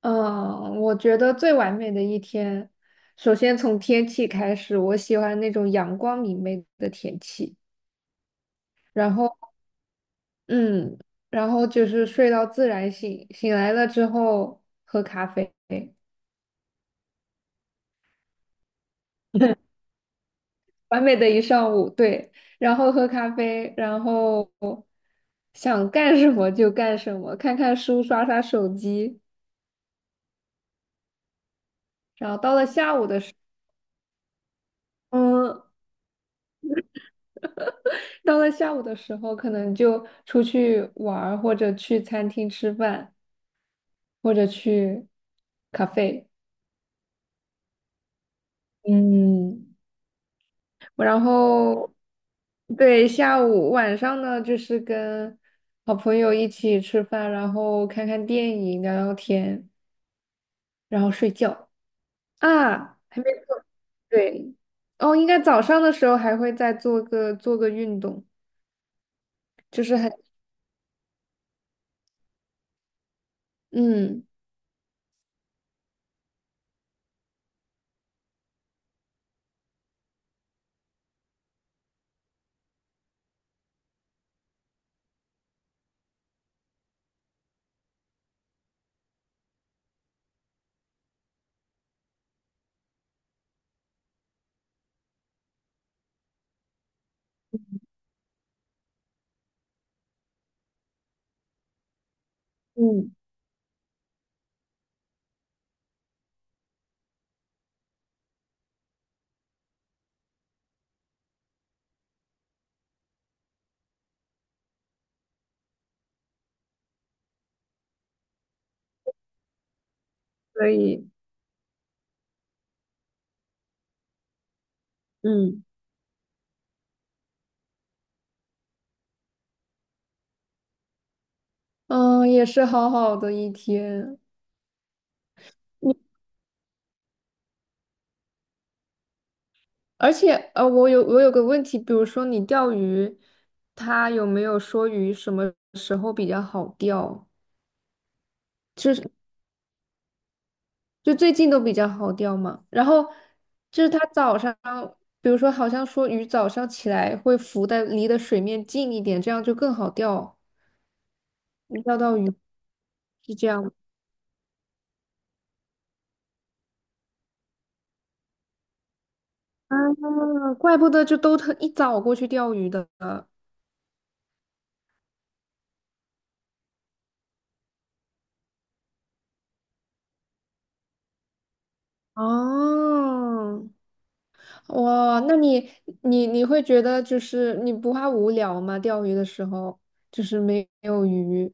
嗯，我觉得最完美的一天，首先从天气开始，我喜欢那种阳光明媚的天气。然后，嗯，然后就是睡到自然醒，醒来了之后喝咖啡。完美的一上午，对，然后喝咖啡，然后想干什么就干什么，看看书，刷刷手机。然后到了下午的时嗯，到了下午的时候，可能就出去玩儿或者去餐厅吃饭，或者去咖啡。嗯，我然后对，下午晚上呢，就是跟好朋友一起吃饭，然后看看电影、聊聊天，然后睡觉啊，还没做。对。哦，应该早上的时候还会再做个运动，就是很嗯嗯。可以。嗯嗯，也是好好的一天。而且，我有个问题。比如说你钓鱼，他有没有说鱼什么时候比较好钓？就是就最近都比较好钓嘛。然后就是他早上，比如说好像说鱼早上起来会浮在离的水面近一点，这样就更好钓，能钓到鱼是这样吗？啊，怪不得就都特一早过去钓鱼的。哦，哇，那你会觉得就是你不怕无聊吗？钓鱼的时候就是没有鱼，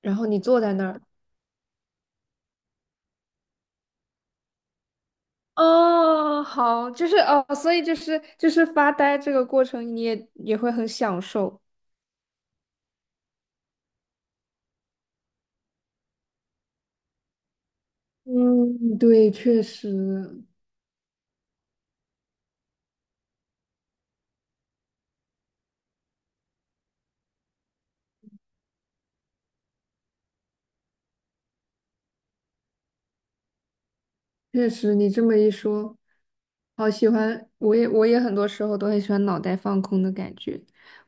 然后你坐在那儿。哦，好，就是哦，所以就是发呆这个过程，你也会很享受。嗯，对，确实。确实，你这么一说，好喜欢。我也很多时候都很喜欢脑袋放空的感觉。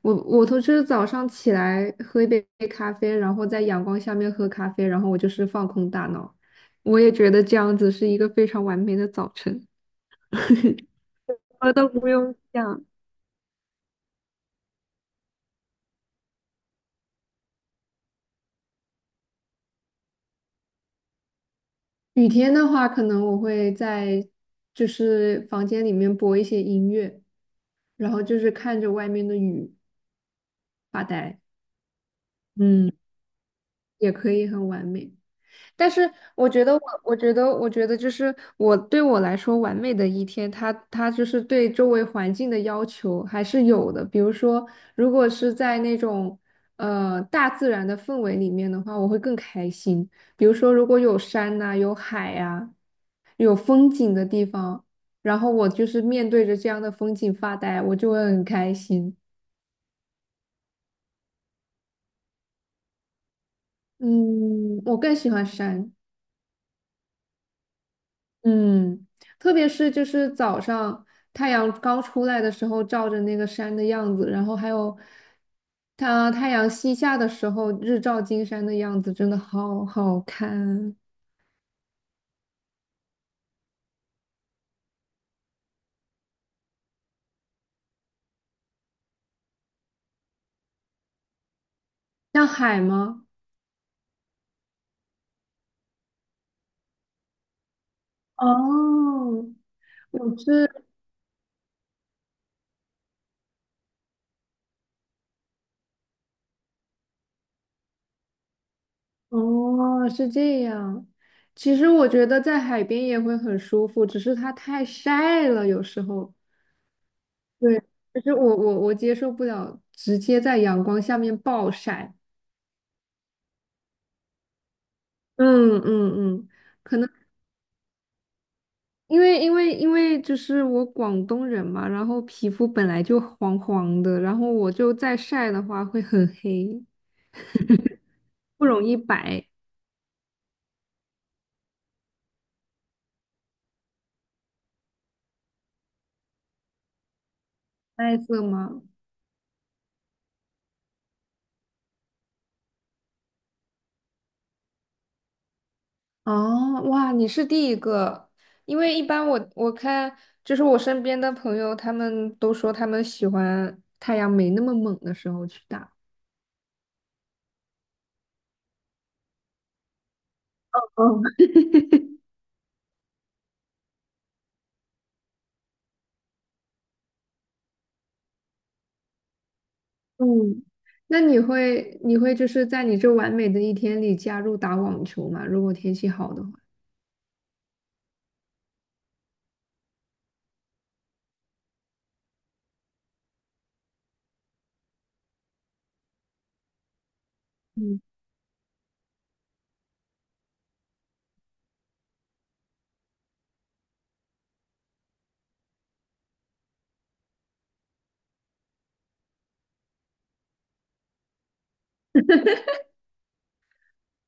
我都是早上起来喝一杯咖啡，然后在阳光下面喝咖啡，然后我就是放空大脑。我也觉得这样子是一个非常完美的早晨，什么都不用想。雨天的话，可能我会在房间里面播一些音乐，然后就是看着外面的雨发呆，嗯，也可以很完美。但是我觉得，就是对我来说，完美的一天，它就是对周围环境的要求还是有的。比如说，如果是在那种大自然的氛围里面的话，我会更开心。比如说，如果有山呐、有海呀、有风景的地方，然后我就是面对着这样的风景发呆，我就会很开心。嗯，我更喜欢山。嗯，特别是就是早上太阳刚出来的时候，照着那个山的样子，然后还有它太阳西下的时候，日照金山的样子，真的好好看。像海吗？哦，我是哦，是这样。其实我觉得在海边也会很舒服，只是它太晒了，有时候。对，就是我接受不了直接在阳光下面暴晒。嗯嗯嗯，可能因为就是我广东人嘛，然后皮肤本来就黄黄的，然后我就再晒的话会很黑，不容易白。带色吗？哦，哇，你是第一个，因为一般我看就是我身边的朋友，他们都说他们喜欢太阳没那么猛的时候去打。哦，嗯，那你会就是在你这完美的一天里加入打网球吗？如果天气好的话。嗯。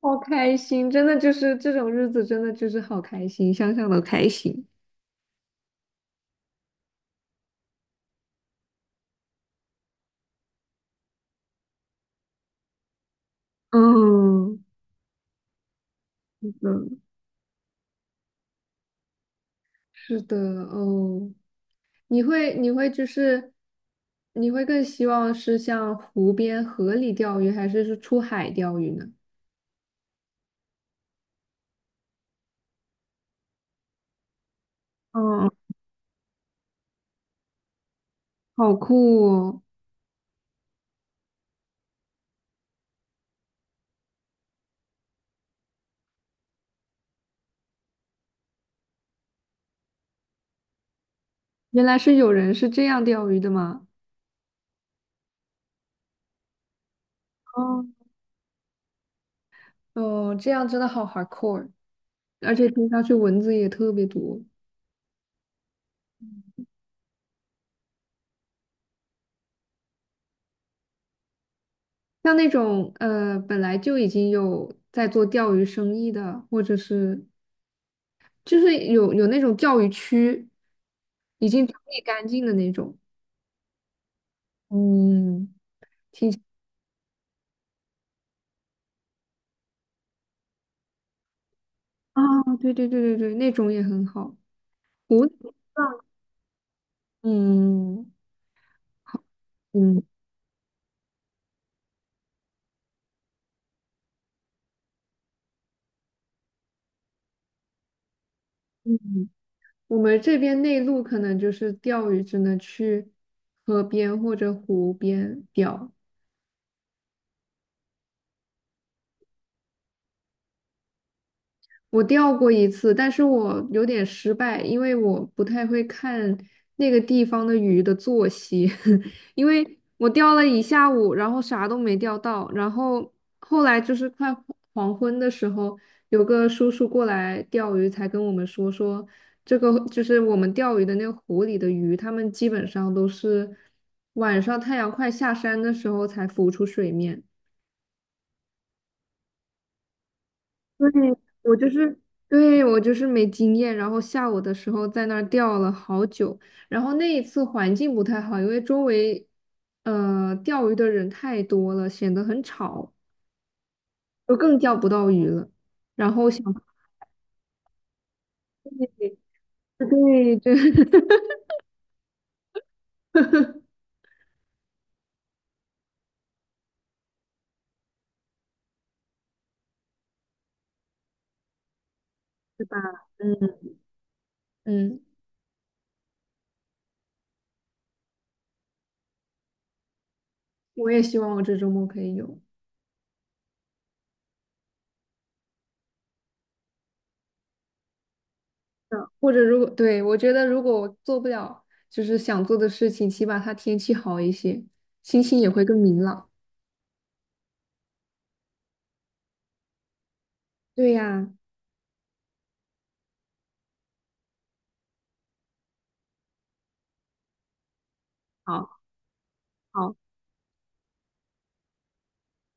好开心，真的就是这种日子，真的就是好开心，想想都开心。嗯，是的，是的。哦，你会你会就是你会更希望是像湖边河里钓鱼，还是出海钓鱼呢？嗯，好酷哦！原来是有人是这样钓鱼的吗？哦，哦，这样真的好 hardcore，而且听上去蚊子也特别多。像那种本来就已经有在做钓鱼生意的，或者是就是有那种钓鱼区，已经整理干净的那种。嗯，啊，对对对对对，那种也很好。湖嗯嗯嗯，我们这边内陆可能就是钓鱼，只能去河边或者湖边钓。我钓过一次，但是我有点失败，因为我不太会看那个地方的鱼的作息。因为我钓了一下午，然后啥都没钓到，然后后来就是快黄昏的时候，有个叔叔过来钓鱼，才跟我们说说这个就是我们钓鱼的那个湖里的鱼，它们基本上都是晚上太阳快下山的时候才浮出水面。对，我就是，对，我就是没经验，然后下午的时候在那儿钓了好久，然后那一次环境不太好，因为周围，钓鱼的人太多了，显得很吵，就更钓不到鱼了。然后想，对，对，对 对吧？嗯嗯，我也希望我这周末可以有。嗯或者如果，对，我觉得如果我做不了，就是想做的事情，起码它天气好一些，心情也会更明朗。对呀。好。好，